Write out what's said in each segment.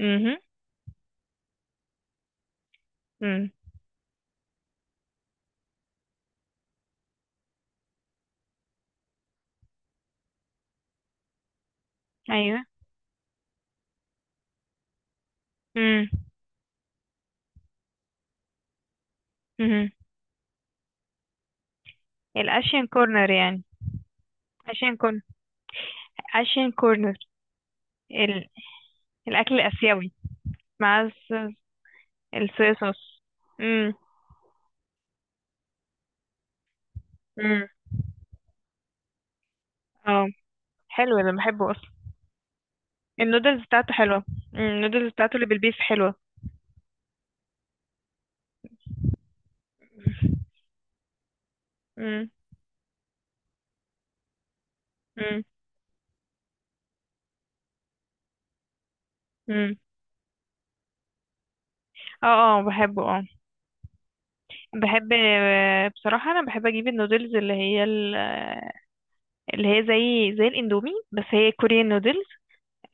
امم، امم. ايوه. امم، امم. الاشين كورنر يعني. اشين كورن اشين كورنر. ال... الاكل الاسيوي. مع الصويا صوص. امم، امم. اه. حلو، ده بحبه اصلا. النودلز بتاعته حلوه. النودلز بتاعته اللي بالبيف حلوه. امم، امم، امم. اه، اه، بحبه، اه. بحب بصراحه انا بحب اجيب النودلز اللي هي زي الاندومي، بس هي كوريان نودلز.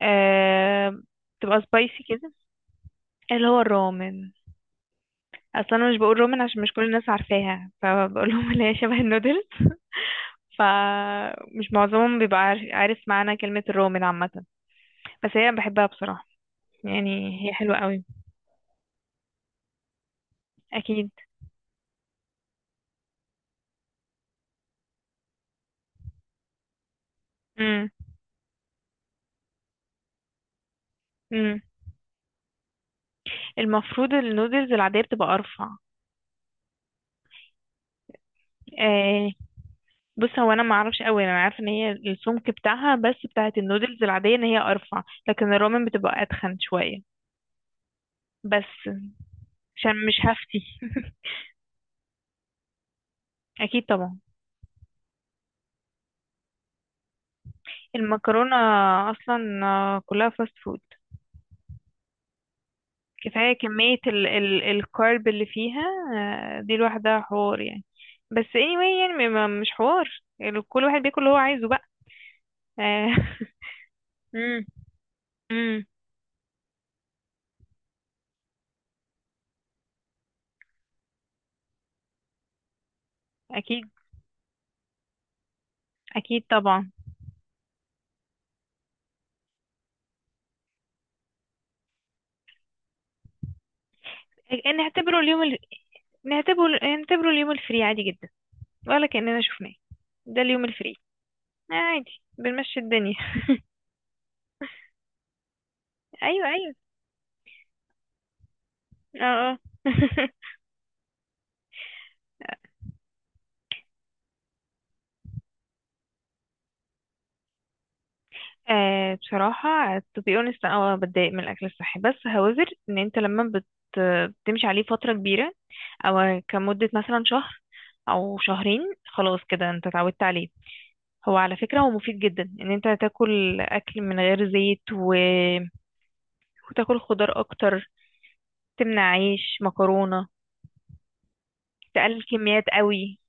آه... بتبقى سبايسي كده. اللي هو الرومن. اصلا انا مش بقول رومن عشان مش كل الناس عارفاها، فبقول لهم اللي هي شبه النودلز. فمش معظمهم بيبقى عارف معنى كلمة الرومن عامة. بس هي بحبها بصراحة، يعني هي حلوة قوي. اكيد. امم، امم. المفروض النودلز العادية بتبقى ارفع. آه. بص، هو انا ما اعرفش قوي، انا عارفه ان هي السمك بتاعها، بس بتاعت النودلز العادية ان هي ارفع، لكن الرومن بتبقى اتخن شوية. بس. عشان مش هفتي. اكيد طبعا. المكرونة. أصلا كلها فاست فود. كفاية كمية ال ال الكارب اللي فيها. دي لوحدها حوار يعني. بس anyway، يعني مش حوار كل واحد بياكل اللي هو عايزه بقى. آه، مم. مم. أكيد. أكيد طبعا. نعتبره اليوم ال... نعتبره اليوم الفري عادي جدا، ولا كأننا شفناه. ده اليوم الفري. عادي. بنمشي الدنيا أيوه، أيوه. اه، اه. بصراحة to be honest أنا بتضايق من الأكل الصحي، بس هوزر إن أنت لما بتمشي عليه فترة كبيرة، أو كمدة مثلا شهر أو شهرين، خلاص كده أنت اتعودت عليه. هو على فكرة هو مفيد جدا إن أنت تاكل أكل من غير زيت وتاكل خضار أكتر، تمنع عيش مكرونة، تقلل كميات قوي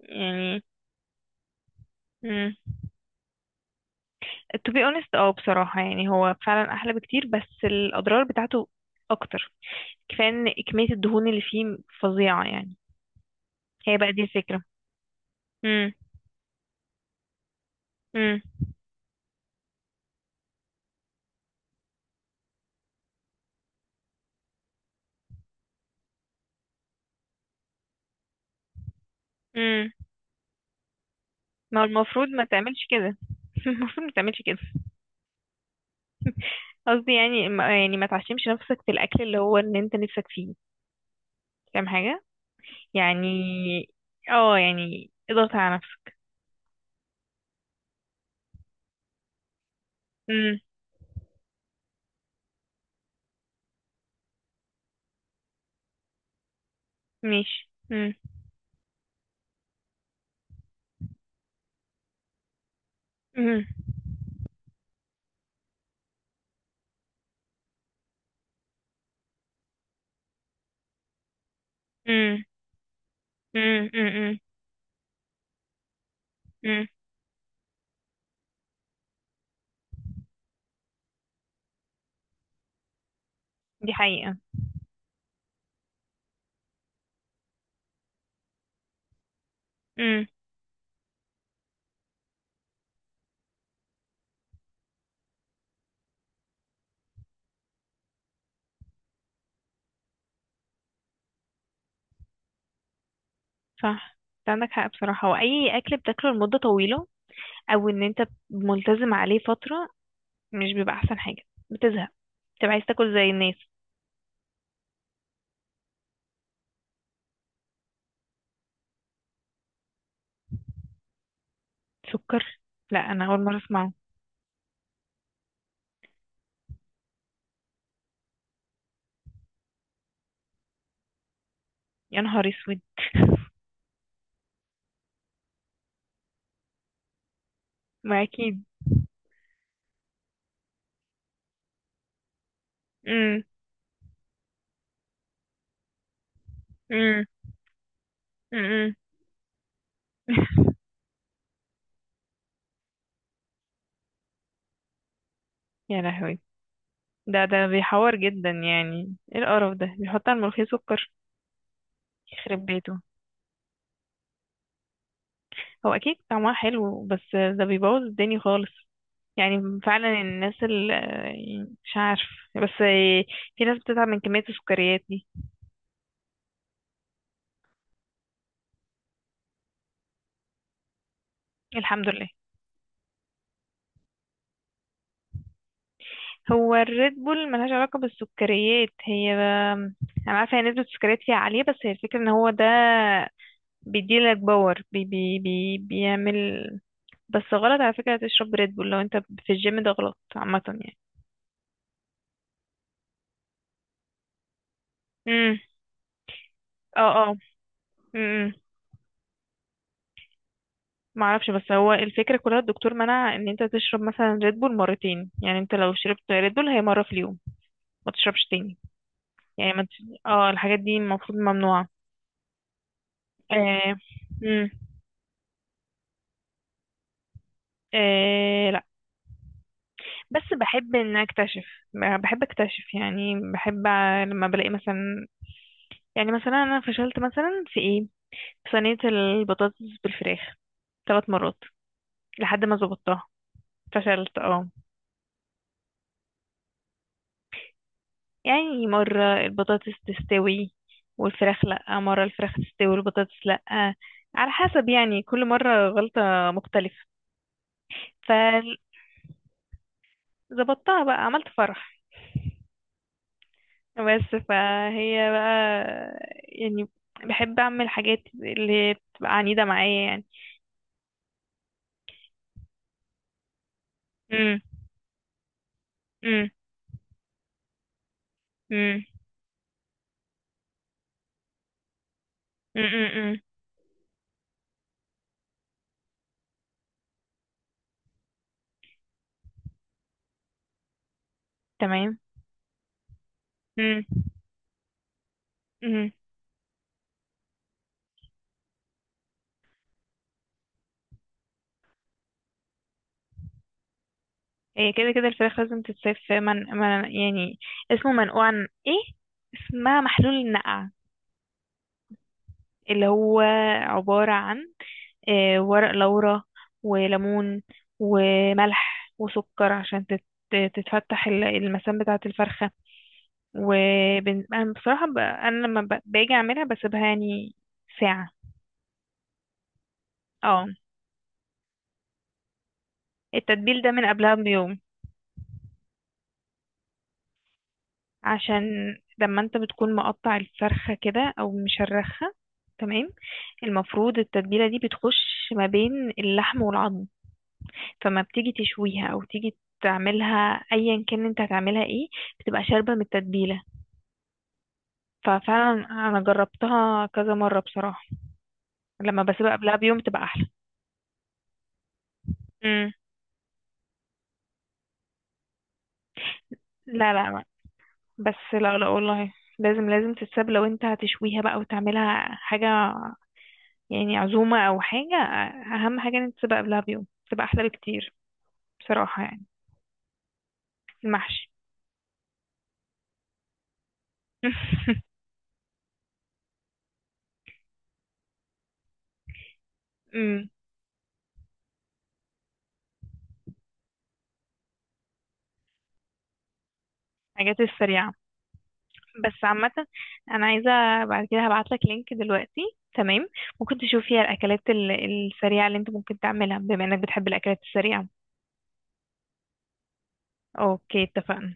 يعني. مم. to be honest بصراحة، يعني هو فعلا أحلى بكتير، بس الأضرار بتاعته أكتر. كفاية ان كمية الدهون اللي فيه فظيعة يعني. هي بقى دي الفكرة. امم، امم، امم. ما هو المفروض ما تعملش كده. المفروض ما تعملش كده. قصدي يعني ما يعني ما تعشمش نفسك في الاكل اللي هو ان انت نفسك فيه، فاهم حاجة؟ يعني اه، يعني اضغط على نفسك. امم. ماشي. امم، امم، امم، امم، امم، امم. دي حقيقة. امم. صح، انت عندك حق بصراحة. واي اكل بتاكله لمدة طويلة او ان انت ملتزم عليه فترة، مش بيبقى احسن حاجة. بتزهق، بتبقى عايز تاكل زي الناس. سكر؟ لا، انا اول مرة اسمعه. يا نهار اسود. ما اكيد. امم، امم، امم. يا لهوي. ده بيحور جدا، يعني ايه القرف ده؟ بيحط على الملوخية سكر! يخرب بيته. هو اكيد طعمها حلو، بس ده بيبوظ الدنيا خالص. يعني فعلا الناس اللي، مش عارف، بس في ناس بتتعب من كمية السكريات دي. الحمد لله. هو الريد بول ملهاش علاقة بالسكريات، هي. أنا عارفة هي نسبة السكريات فيها عالية، بس هي الفكرة إن هو ده بيديلك باور، بي بي بي بيعمل. بس غلط على فكرة تشرب ريد بول لو انت في الجيم، ده غلط عامة يعني. امم. اه، اه. امم. معرفش، بس هو الفكرة كلها الدكتور منع ان انت تشرب مثلا ريد بول مرتين. يعني انت لو شربت ريد بول هي مرة في اليوم، ما تشربش تاني. يعني ما تش... اه الحاجات دي المفروض ممنوعة. آه. امم. آه. لا. بس بحب ان اكتشف. بحب اكتشف، يعني بحب لما بلاقي مثلا، يعني مثلا انا فشلت مثلا في ايه؟ في صينية البطاطس بالفراخ 3 مرات لحد ما ظبطتها. فشلت، اه. يعني مرة البطاطس تستوي والفراخ لأ، مرة الفراخ تستوي والبطاطس لأ. على حسب، يعني كل مرة غلطة مختلفة. فظبطتها بقى، عملت فرح. بس فهي بقى، يعني، بحب اعمل حاجات اللي هي بتبقى عنيدة معايا يعني. امم، امم، امم، امم. تمام. امم، امم. هي كده كده الفراخ لازم تتساب في من يعني، اسمه منقوع عن ايه، اسمها محلول النقع، اللي هو عبارة عن ورق لورا وليمون وملح وسكر، عشان تتفتح المسام بتاعة الفرخة. انا بصراحة، انا لما باجي اعملها بسيبها يعني ساعة. اه. التتبيل ده من قبلها بيوم. عشان لما انت بتكون مقطع الفرخة كده او مشرخها، تمام، المفروض التتبيلة دي بتخش ما بين اللحم والعظم. فما بتيجي تشويها او تيجي تعملها، ايا كان انت هتعملها ايه، بتبقى شاربة من التتبيلة. ففعلا انا جربتها كذا مرة بصراحة، لما بسيبها قبلها بيوم بتبقى احلى. مم. لا، لا. بس لا، لا والله، لازم لازم تتساب لو انت هتشويها بقى وتعملها حاجة، يعني عزومة او حاجة. اهم حاجة ان انت تسيبها قبلها بيوم، تبقى احلى بكتير بصراحة يعني. المحشي. امم. الحاجات السريعة. بس عامة انا عايزة، بعد كده هبعتلك لينك دلوقتي، تمام؟ ممكن تشوف فيها الاكلات السريعة اللي انت ممكن تعملها، بما انك بتحب الاكلات السريعة. اوكي، اتفقنا.